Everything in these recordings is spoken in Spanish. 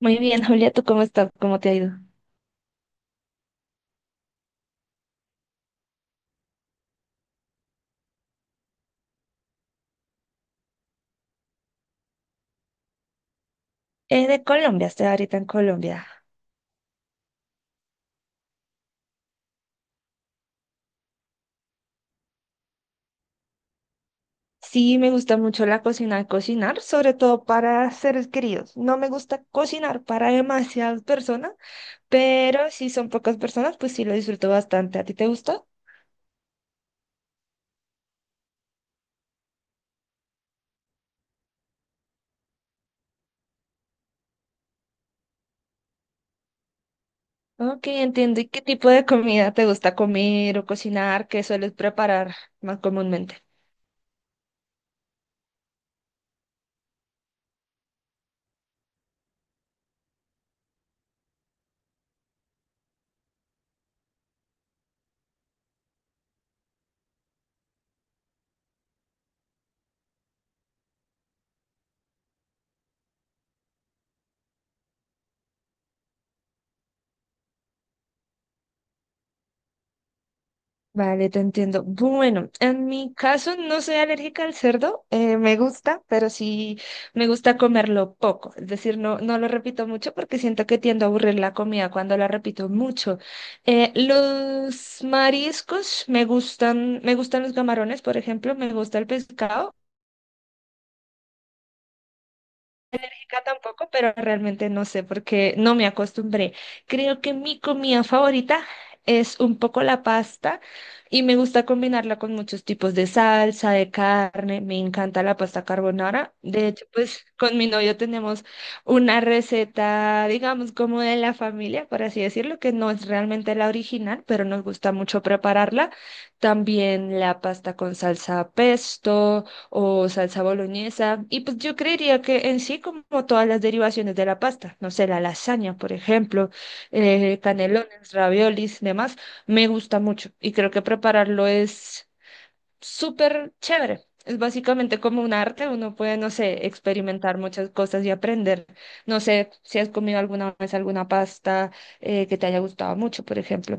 Muy bien, Julia, ¿tú cómo estás? ¿Cómo te ha ido? Es de Colombia, estoy ahorita en Colombia. Sí, me gusta mucho la cocina, cocinar, sobre todo para seres queridos. No me gusta cocinar para demasiadas personas, pero si son pocas personas, pues sí lo disfruto bastante. ¿A ti te gusta? Ok, entiendo. ¿Y qué tipo de comida te gusta comer o cocinar? ¿Qué sueles preparar más comúnmente? Vale, te entiendo. Bueno, en mi caso no soy alérgica al cerdo, me gusta, pero sí me gusta comerlo poco. Es decir, no lo repito mucho porque siento que tiendo a aburrir la comida cuando la repito mucho. Los mariscos me gustan los camarones, por ejemplo, me gusta el pescado. Rica tampoco, pero realmente no sé porque no me acostumbré. Creo que mi comida favorita es un poco la pasta y me gusta combinarla con muchos tipos de salsa, de carne. Me encanta la pasta carbonara. De hecho, pues con mi novio tenemos una receta, digamos, como de la familia, por así decirlo, que no es realmente la original, pero nos gusta mucho prepararla. También la pasta con salsa pesto o salsa boloñesa. Y pues yo creería que en sí, como todas las derivaciones de la pasta, no sé, la lasaña, por ejemplo, canelones, raviolis, demás, me gusta mucho y creo que prepararlo es súper chévere. Es básicamente como un arte, uno puede, no sé, experimentar muchas cosas y aprender. No sé si has comido alguna vez alguna pasta que te haya gustado mucho, por ejemplo.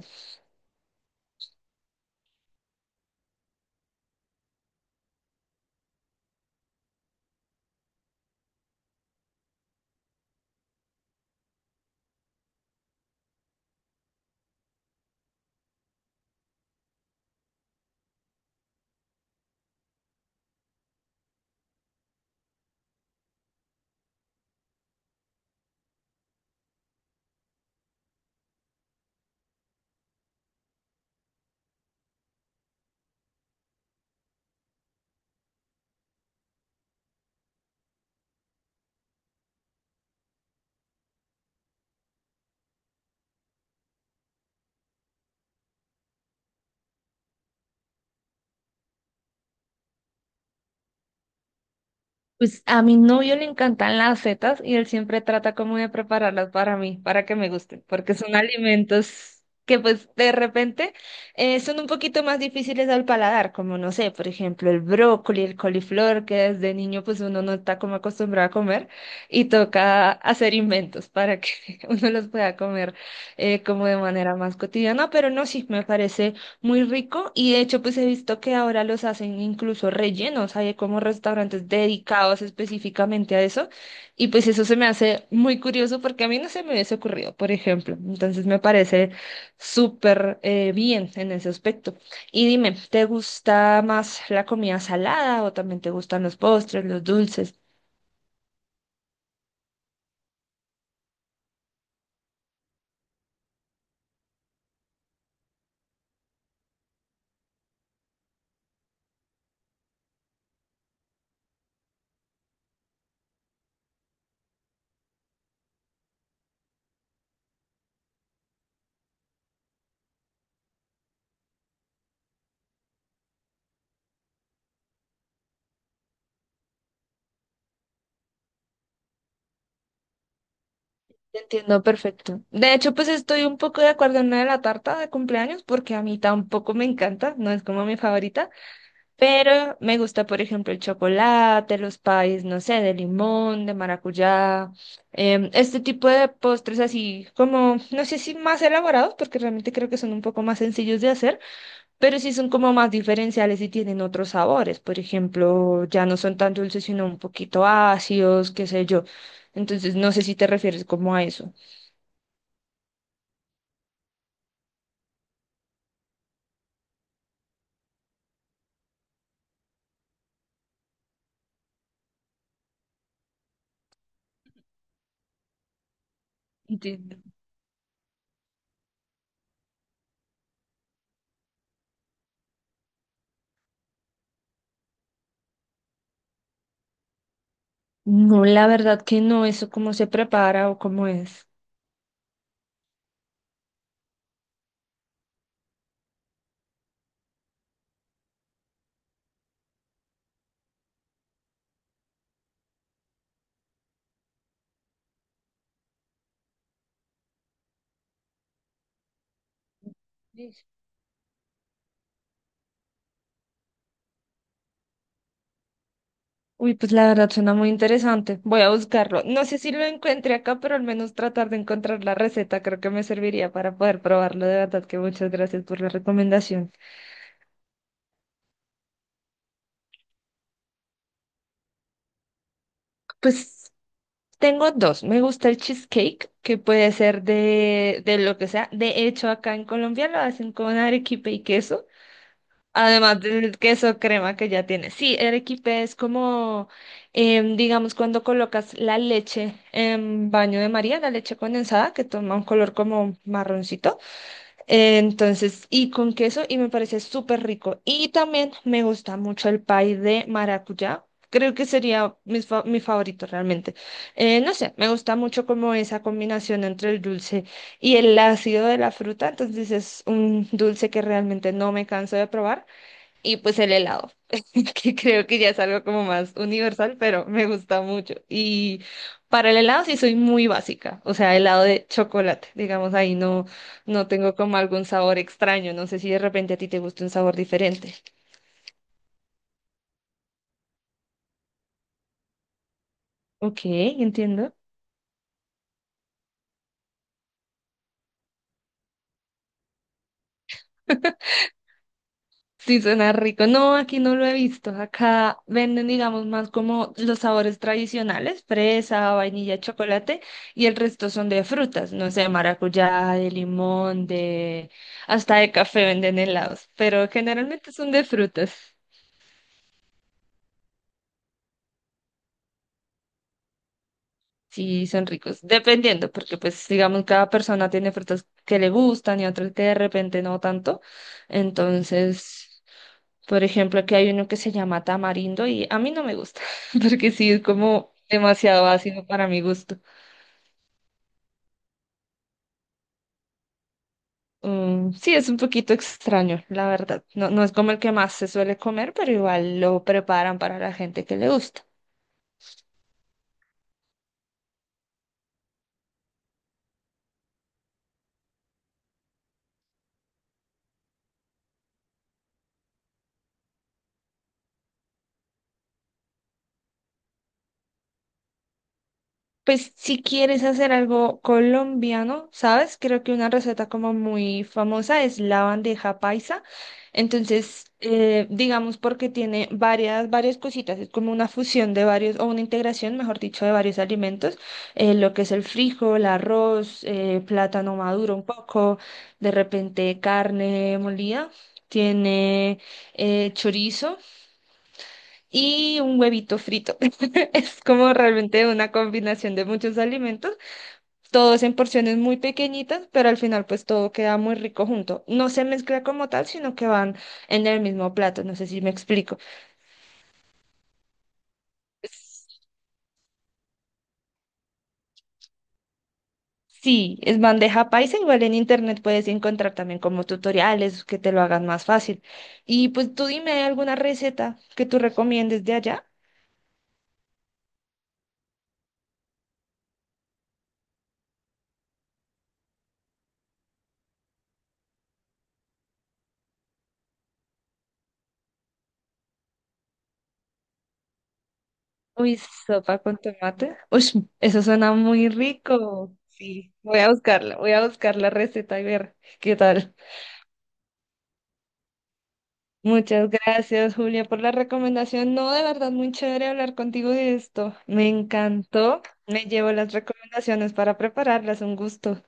Pues a mi novio le encantan las setas y él siempre trata como de prepararlas para mí, para que me gusten, porque son alimentos que pues de repente son un poquito más difíciles al paladar, como no sé, por ejemplo, el brócoli, el coliflor, que desde niño pues uno no está como acostumbrado a comer y toca hacer inventos para que uno los pueda comer como de manera más cotidiana, pero no, sí, me parece. Muy rico y de hecho pues he visto que ahora los hacen incluso rellenos, hay como restaurantes dedicados específicamente a eso y pues eso se me hace muy curioso porque a mí no se me hubiese ocurrido, por ejemplo, entonces me parece súper bien en ese aspecto. Y dime, ¿te gusta más la comida salada o también te gustan los postres, los dulces? Te entiendo perfecto. De hecho, pues estoy un poco de acuerdo en la de la tarta de cumpleaños porque a mí tampoco me encanta, no es como mi favorita. Pero me gusta, por ejemplo, el chocolate, los pies, no sé, de limón, de maracuyá, este tipo de postres así como, no sé si más elaborados, porque realmente creo que son un poco más sencillos de hacer, pero sí son como más diferenciales y tienen otros sabores. Por ejemplo, ya no son tan dulces, sino un poquito ácidos, qué sé yo. Entonces, no sé si te refieres como a eso. Entiendo. No, la verdad que no, eso cómo se prepara o cómo es. Uy, pues la verdad suena muy interesante. Voy a buscarlo. No sé si lo encuentre acá, pero al menos tratar de encontrar la receta creo que me serviría para poder probarlo. De verdad que muchas gracias por la recomendación. Pues tengo dos. Me gusta el cheesecake, que puede ser de lo que sea. De hecho, acá en Colombia lo hacen con arequipe y queso. Además del queso crema que ya tiene. Sí, el arequipe es como, digamos, cuando colocas la leche en baño de María, la leche condensada, que toma un color como marroncito. Entonces, y con queso, y me parece súper rico. Y también me gusta mucho el pay de maracuyá. Creo que sería mi, mi favorito realmente. No sé, me gusta mucho como esa combinación entre el dulce y el ácido de la fruta. Entonces es un dulce que realmente no me canso de probar. Y pues el helado, que creo que ya es algo como más universal, pero me gusta mucho. Y para el helado sí soy muy básica, o sea, helado de chocolate, digamos, ahí no, no tengo como algún sabor extraño, no sé si de repente a ti te gusta un sabor diferente. Ok, entiendo. Sí, suena rico. No, aquí no lo he visto. Acá venden, digamos, más como los sabores tradicionales, fresa, vainilla, chocolate, y el resto son de frutas, no sé, maracuyá, de limón, de... hasta de café venden helados, pero generalmente son de frutas. Sí, son ricos, dependiendo, porque pues digamos, cada persona tiene frutas que le gustan y otras que de repente no tanto. Entonces... Por ejemplo, aquí hay uno que se llama tamarindo y a mí no me gusta, porque sí es como demasiado ácido para mi gusto. Mm, sí, es un poquito extraño, la verdad. No, no es como el que más se suele comer, pero igual lo preparan para la gente que le gusta. Pues si quieres hacer algo colombiano, ¿sabes? Creo que una receta como muy famosa es la bandeja paisa. Entonces, digamos porque tiene varias cositas. Es como una fusión de varios, o una integración, mejor dicho, de varios alimentos. Lo que es el frijol, arroz, plátano maduro un poco, de repente carne molida. Tiene chorizo y un huevito frito. Es como realmente una combinación de muchos alimentos todos en porciones muy pequeñitas, pero al final pues todo queda muy rico junto. No se mezcla como tal, sino que van en el mismo plato, no sé si me explico. S- Sí, es bandeja paisa, igual en internet puedes encontrar también como tutoriales que te lo hagan más fácil. Y pues tú dime alguna receta que tú recomiendes de allá. Uy, sopa con tomate. Uy, eso suena muy rico. Sí, voy a buscarla, voy a buscar la receta y ver qué tal. Muchas gracias, Julia, por la recomendación. No, de verdad, muy chévere hablar contigo de esto. Me encantó. Me llevo las recomendaciones para prepararlas. Un gusto.